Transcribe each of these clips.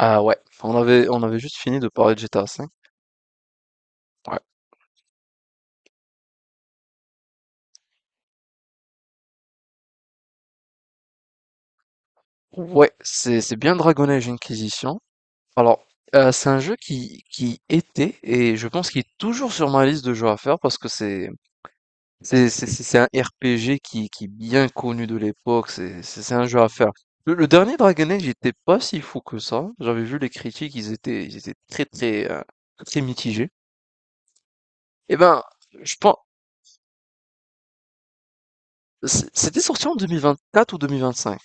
Ah ouais, on avait juste fini de parler de GTA V. Ouais, ouais, c'est bien Dragon Age Inquisition. Alors, c'est un jeu qui était, et je pense qu'il est toujours sur ma liste de jeux à faire parce que c'est un RPG qui est bien connu de l'époque, c'est un jeu à faire. Le dernier Dragon Age n'était pas si fou que ça. J'avais vu les critiques, ils étaient très, très, très mitigés. Eh ben, je pense, c'était sorti en 2024 ou 2025.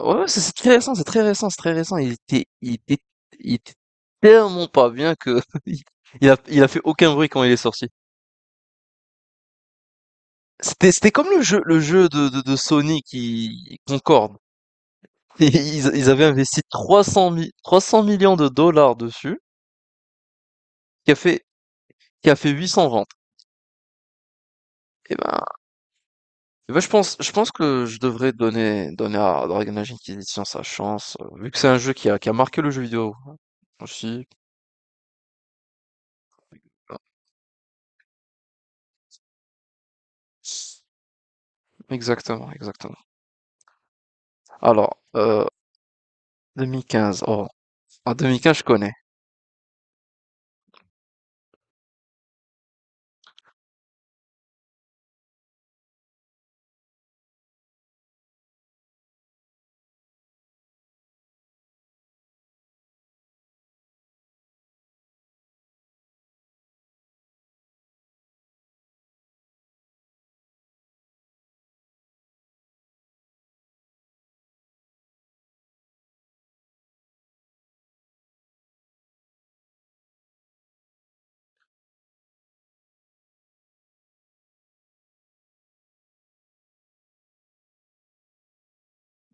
Ouais, ouais, c'est très récent, c'est très récent, c'est très récent. Il était tellement pas bien que il a fait aucun bruit quand il est sorti. C'était comme le jeu, de Sony qui Concorde. Et Ils avaient investi 300 millions de dollars dessus, qui a fait, qui a fait 800 ventes. Et ben, eh ben, je pense que je devrais donner à Dragon Age Inquisition sa chance, vu que c'est un jeu qui a marqué le jeu vidéo aussi. Exactement, exactement. Alors, 2015. Oh, en 2015, je connais.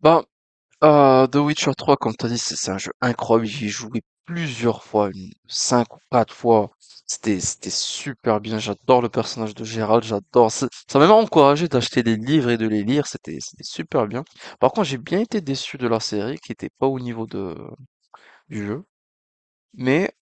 Ben, The Witcher trois, comme t'as dit, c'est un jeu incroyable. J'y ai joué plusieurs fois, une, cinq ou quatre fois. C'était super bien. J'adore le personnage de Geralt, j'adore. Ça m'a même encouragé d'acheter des livres et de les lire. C'était super bien. Par contre, j'ai bien été déçu de la série qui était pas au niveau de, du jeu. Mais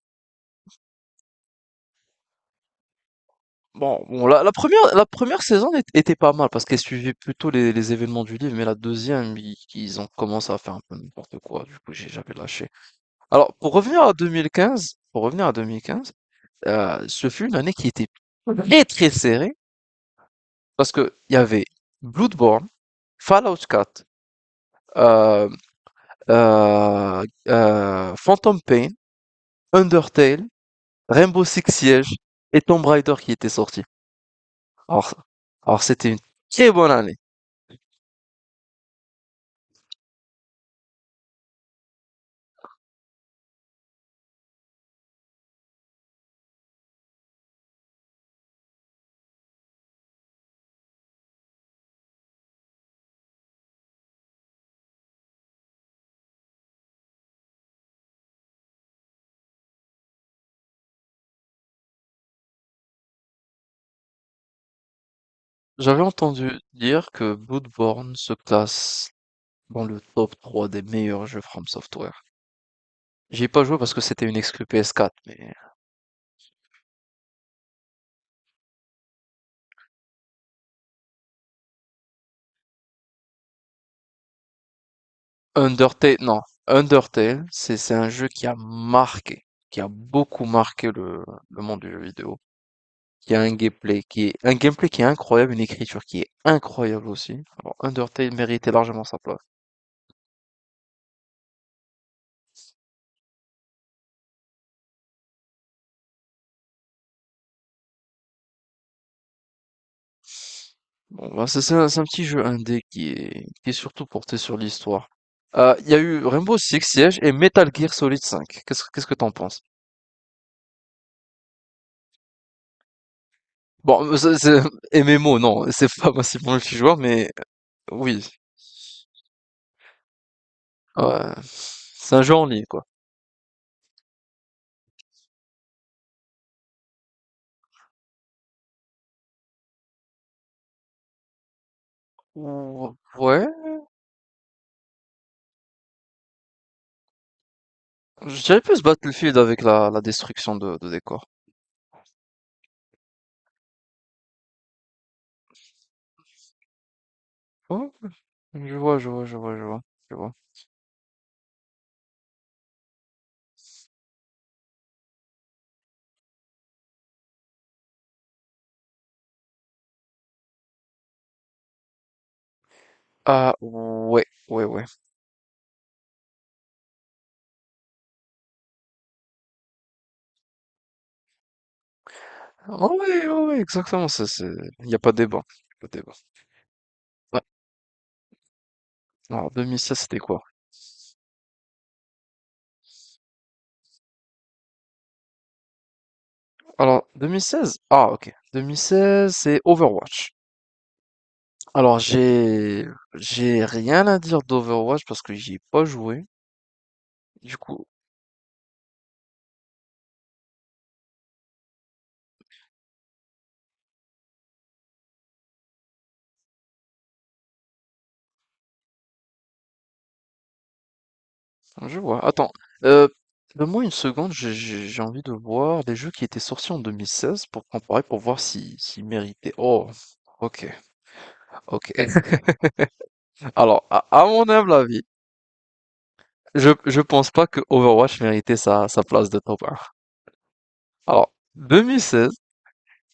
bon, bon, la première saison était pas mal parce qu'elle suivait plutôt les événements du livre. Mais la deuxième, ils ont commencé à faire un peu n'importe quoi. Du coup, j'ai, j'avais lâché. Alors, pour revenir à 2015, ce fut une année qui était très très serrée parce que il y avait Bloodborne, Fallout 4, euh, Phantom Pain, Undertale, Rainbow Six Siege et Tomb Raider qui étaient sortis. Alors, alors c'était une très bonne année. J'avais entendu dire que Bloodborne se classe dans le top 3 des meilleurs jeux From Software. J'y ai pas joué parce que c'était une exclu PS4, mais Undertale, non, Undertale, c'est un jeu qui a marqué, qui a beaucoup marqué le monde du jeu vidéo. Qui a un gameplay qui est incroyable, une écriture qui est incroyable aussi. Alors, Undertale méritait largement sa place. Bon, bah, c'est un petit jeu indé qui est surtout porté sur l'histoire. Il y a eu Rainbow Six Siege et Metal Gear Solid 5. Qu'est-ce que t'en penses? Bon, c'est MMO, non, c'est pas massivement multijoueur, mais oui, ouais, c'est un jeu en ligne, quoi. Ouais, je dirais plus Battlefield avec la destruction de décors. Oh, je vois, je vois, je vois, je vois, je vois. Ah, ouais, ouais, ouais. Ah ouais, ouais, ouais, exactement. Il n'y a pas de débat. Pas de débat. Ouais. Alors, 2016, c'était quoi? Alors, 2016? Ah, ok. 2016, c'est Overwatch. Alors, j'ai rien à dire d'Overwatch parce que j'y ai pas joué. Du coup, ah, je vois. Attends, heu, donne-moi une seconde, j'ai envie de voir des jeux qui étaient sortis en 2016 pour comparer, pour voir si s'ils méritaient. Oh, OK, OK. Alors, à mon humble avis, je pense pas que Overwatch méritait sa place de top 1. Alors, 2016,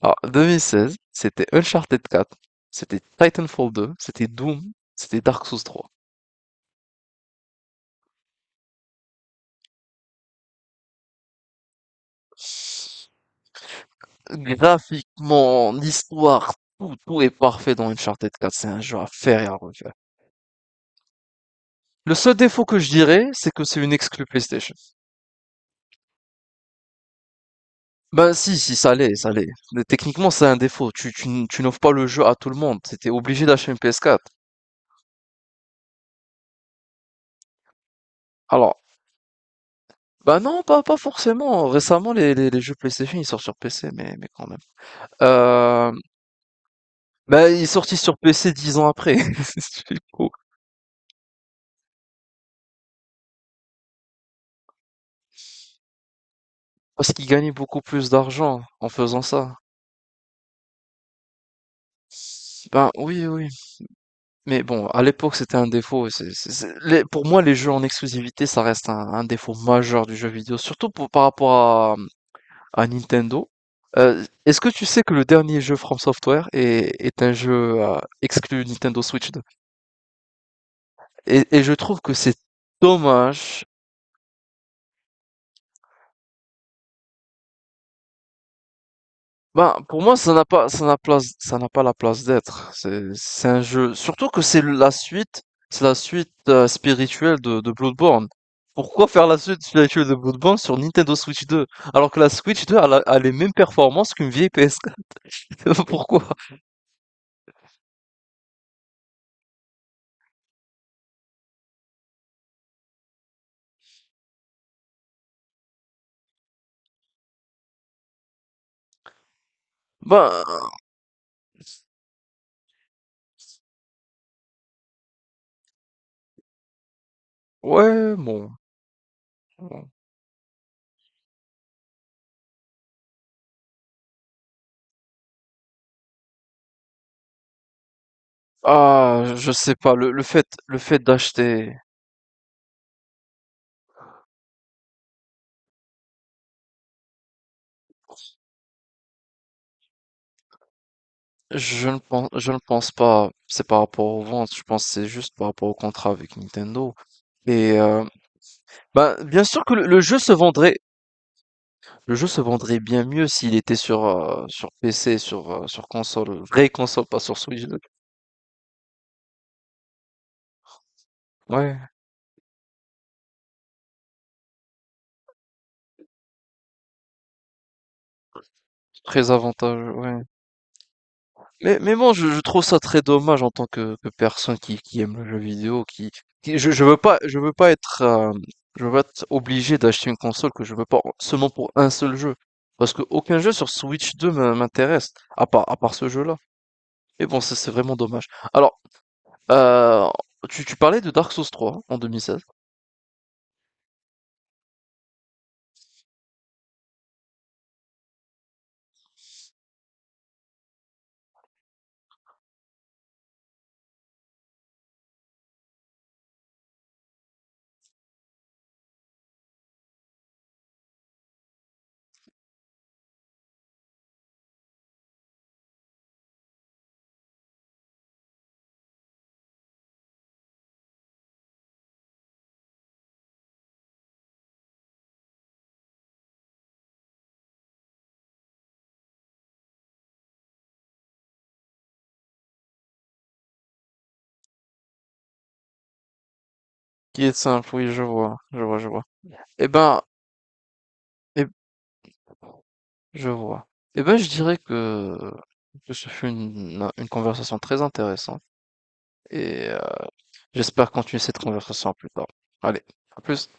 alors 2016, c'était Uncharted 4, c'était Titanfall 2, c'était Doom, c'était Dark Souls 3. Graphiquement, l'histoire, tout est parfait dans Uncharted 4. C'est un jeu à faire et à refaire. Le seul défaut que je dirais, c'est que c'est une exclue PlayStation. Ben si, si, ça l'est, ça l'est. Mais techniquement, c'est un défaut. Tu n'offres pas le jeu à tout le monde. T'étais obligé d'acheter une PS4. Alors, ben non, pas forcément. Récemment, les jeux PlayStation, ils sortent sur PC, mais quand même. Euh, bah, ils sortent sur PC 10 ans après. C'est fou. Parce qu'ils gagnaient beaucoup plus d'argent en faisant ça. Ben oui, oui. Mais bon, à l'époque, c'était un défaut. Pour moi, les jeux en exclusivité, ça reste un défaut majeur du jeu vidéo, surtout par rapport à Nintendo. Est-ce que tu sais que le dernier jeu From Software est un jeu exclu Nintendo Switch 2? Et je trouve que c'est dommage. Ben, pour moi, ça n'a pas, ça n'a place, ça n'a pas la place d'être. C'est un jeu. Surtout que c'est la suite spirituelle de Bloodborne. Pourquoi faire la suite spirituelle de Bloodborne sur Nintendo Switch 2? Alors que la Switch 2 a les mêmes performances qu'une vieille PS4. Pourquoi? Ben, ouais, bon. Ah, je sais pas. Le fait d'acheter, je ne pense pas. C'est par rapport aux ventes. Je pense que c'est juste par rapport au contrat avec Nintendo. Et bah, bien sûr que le jeu se vendrait bien mieux s'il était sur PC, sur console, vraie console, pas sur Switch, donc. Ouais, très avantageux, ouais. Mais bon, je trouve ça très dommage en tant que personne qui aime le jeu vidéo, qui je veux pas être, je veux pas être obligé d'acheter une console que je veux pas seulement pour un seul jeu. Parce que aucun jeu sur Switch 2 m'intéresse, à part ce jeu-là. Mais bon, c'est vraiment dommage. Alors, heu, tu parlais de Dark Souls 3 en 2016. Qui est simple, oui, je vois, je vois, je vois. Eh ben, eh, je vois. Eh ben, je dirais que ce fut une conversation très intéressante et j'espère continuer cette conversation plus tard. Allez, à plus.